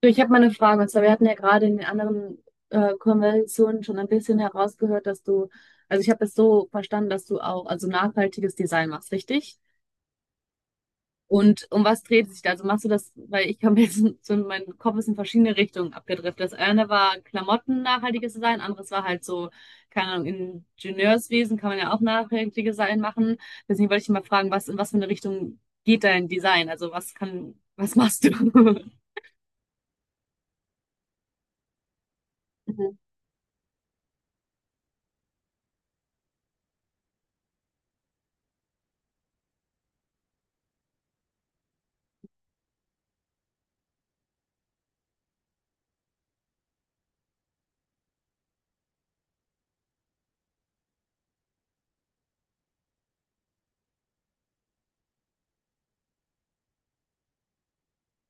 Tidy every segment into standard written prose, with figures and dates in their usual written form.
Du, ich habe mal eine Frage. Und zwar, wir hatten ja gerade in den anderen Konversationen schon ein bisschen herausgehört, also ich habe es so verstanden, dass du auch also nachhaltiges Design machst, richtig? Und um was dreht es sich da? Also machst du das, weil ich habe jetzt so mein Kopf ist in verschiedene Richtungen abgedriftet. Das eine war Klamotten nachhaltiges Design, anderes war halt so, keine Ahnung, Ingenieurswesen kann man ja auch nachhaltiges Design machen. Deswegen wollte ich mal fragen, was in was für eine Richtung geht dein Design? Also was kann, was machst du? Mhm.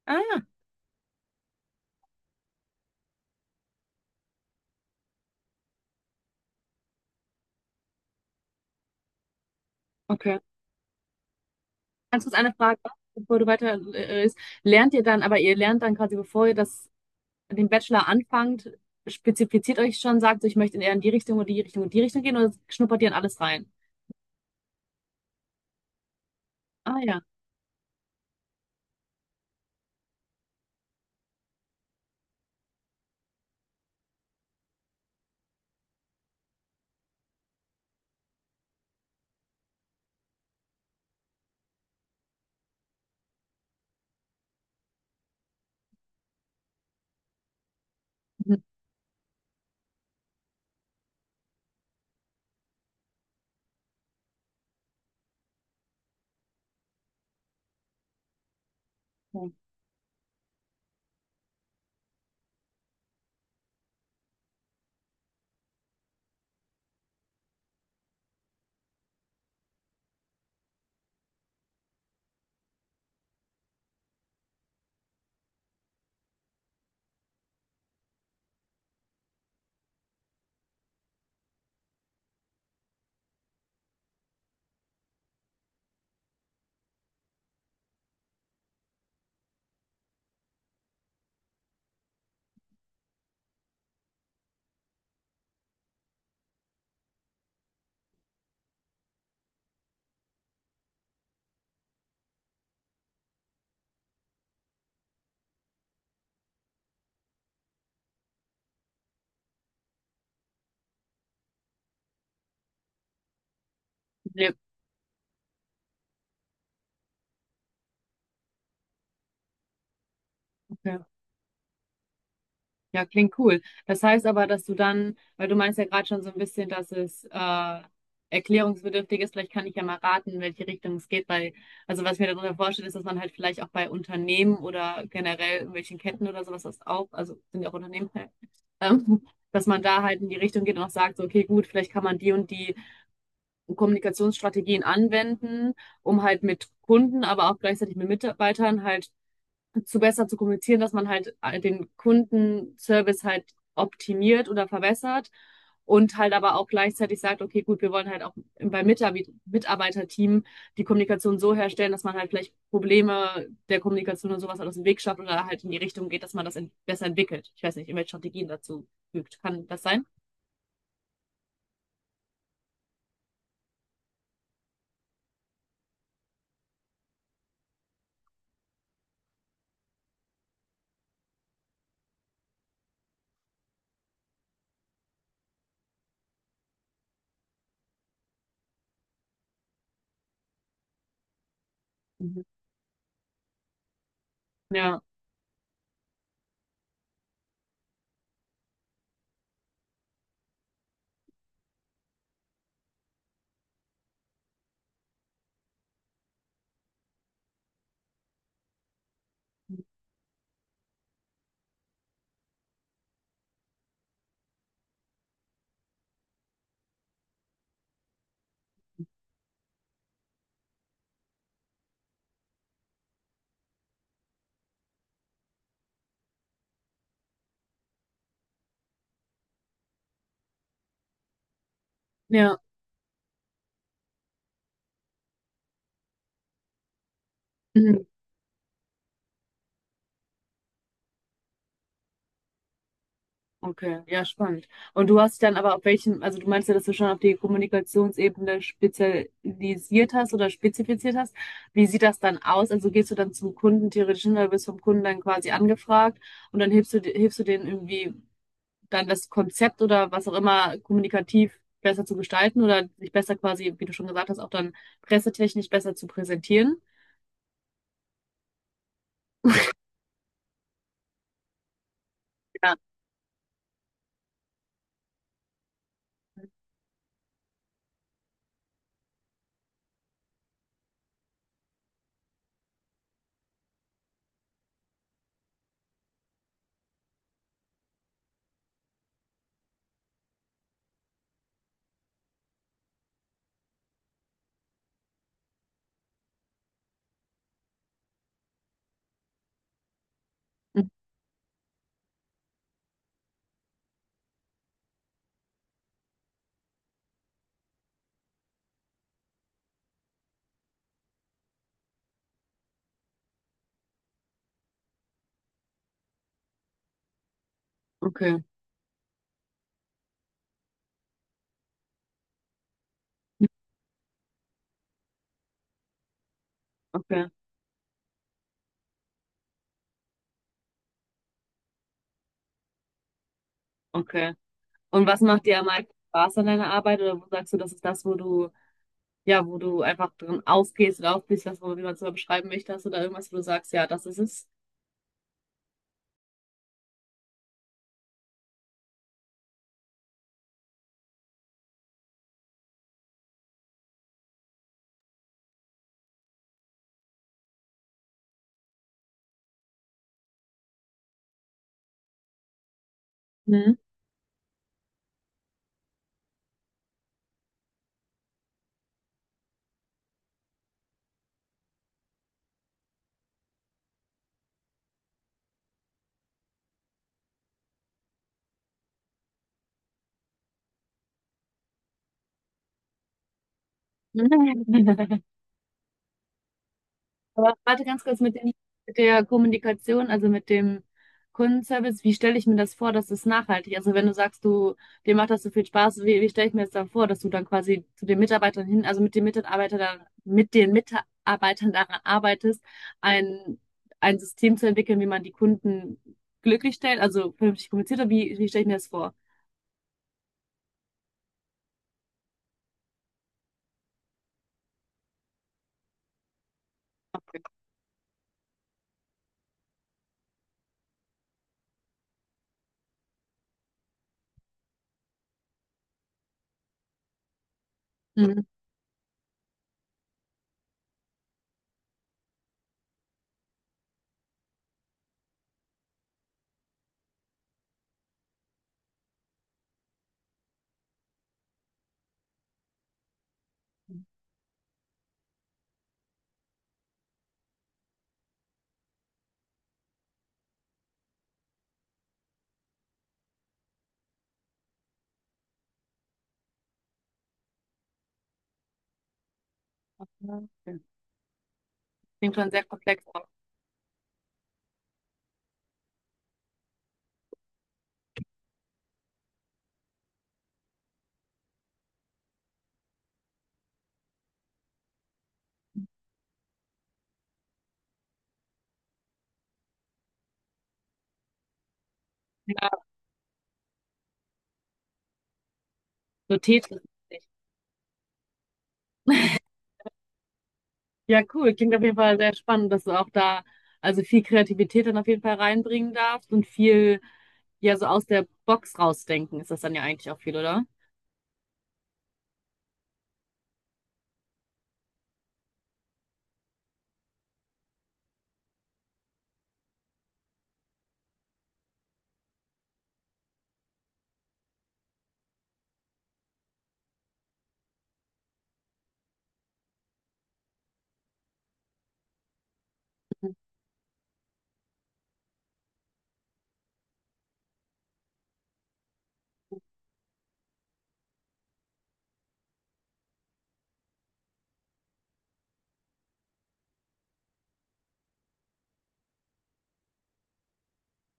Ah, okay. Ganz kurz eine Frage, bevor du weiter ist. Lernt ihr dann, aber ihr lernt dann quasi, den Bachelor anfangt, spezifiziert euch schon, sagt, so, ich möchte eher in die Richtung oder die Richtung und die Richtung gehen oder schnuppert ihr in alles rein? Ah ja. Mhm. Ja, okay. Ja, klingt cool. Das heißt aber, dass du dann, weil du meinst ja gerade schon so ein bisschen, dass es erklärungsbedürftig ist, vielleicht kann ich ja mal raten, in welche Richtung es geht, weil, also was ich mir darunter vorstelle, ist, dass man halt vielleicht auch bei Unternehmen oder generell irgendwelchen Ketten oder sowas das auch, also sind ja auch Unternehmen, ja, ähm, dass man da halt in die Richtung geht und auch sagt, so, okay, gut, vielleicht kann man die und die Kommunikationsstrategien anwenden, um halt mit Kunden, aber auch gleichzeitig mit Mitarbeitern halt zu besser zu kommunizieren, dass man halt den Kundenservice halt optimiert oder verbessert und halt aber auch gleichzeitig sagt, okay, gut, wir wollen halt auch beim Mitarbeiterteam die Kommunikation so herstellen, dass man halt vielleicht Probleme der Kommunikation und sowas halt aus dem Weg schafft oder halt in die Richtung geht, dass man das besser entwickelt. Ich weiß nicht, irgendwelche Strategien dazu fügt. Kann das sein? Mhm. Ja. Ja. Mhm. Okay, ja, spannend. Und du hast dich dann aber auf welchen, also du meinst ja, dass du schon auf die Kommunikationsebene spezialisiert hast oder spezifiziert hast. Wie sieht das dann aus? Also gehst du dann zum Kunden theoretisch hin, oder wirst vom Kunden dann quasi angefragt und dann hilfst du denen irgendwie dann das Konzept oder was auch immer kommunikativ besser zu gestalten oder sich besser quasi, wie du schon gesagt hast, auch dann pressetechnisch besser zu präsentieren? Ja. Mhm. Okay, okay, okay. Und was macht dir am meisten Spaß an deiner Arbeit oder wo sagst du, das ist das, wo du ja, wo du einfach drin aufgehst oder aufgehst, was auch immer man es mal beschreiben möchte, hast du da irgendwas, wo du sagst, ja, das ist es. Mhm. Aber warte ganz kurz mit dem, mit der Kommunikation, also mit dem Kundenservice, wie stelle ich mir das vor, dass es nachhaltig? Also wenn du sagst, du, dir macht das so viel Spaß, wie, wie stelle ich mir das dann vor, dass du dann quasi zu den Mitarbeitern hin, also mit den Mitarbeitern, mit den Mitarbeitern daran arbeitest, ein, ein System zu entwickeln, wie man die Kunden glücklich stellt, also vernünftig kommuniziert, oder wie, wie stelle ich mir das vor? Mhm. Ja, okay. Klingt schon sehr komplex auch. Ja, so Tetris-mäßig. Ja, cool. Klingt auf jeden Fall sehr spannend, dass du auch da also viel Kreativität dann auf jeden Fall reinbringen darfst und viel ja so aus der Box rausdenken ist das dann ja eigentlich auch viel, oder?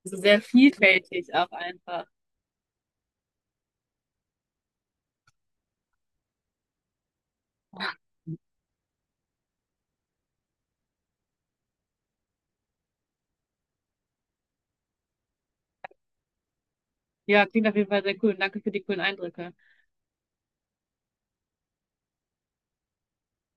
Also sehr vielfältig auch einfach. Ja, klingt auf jeden Fall sehr cool. Danke für die coolen Eindrücke.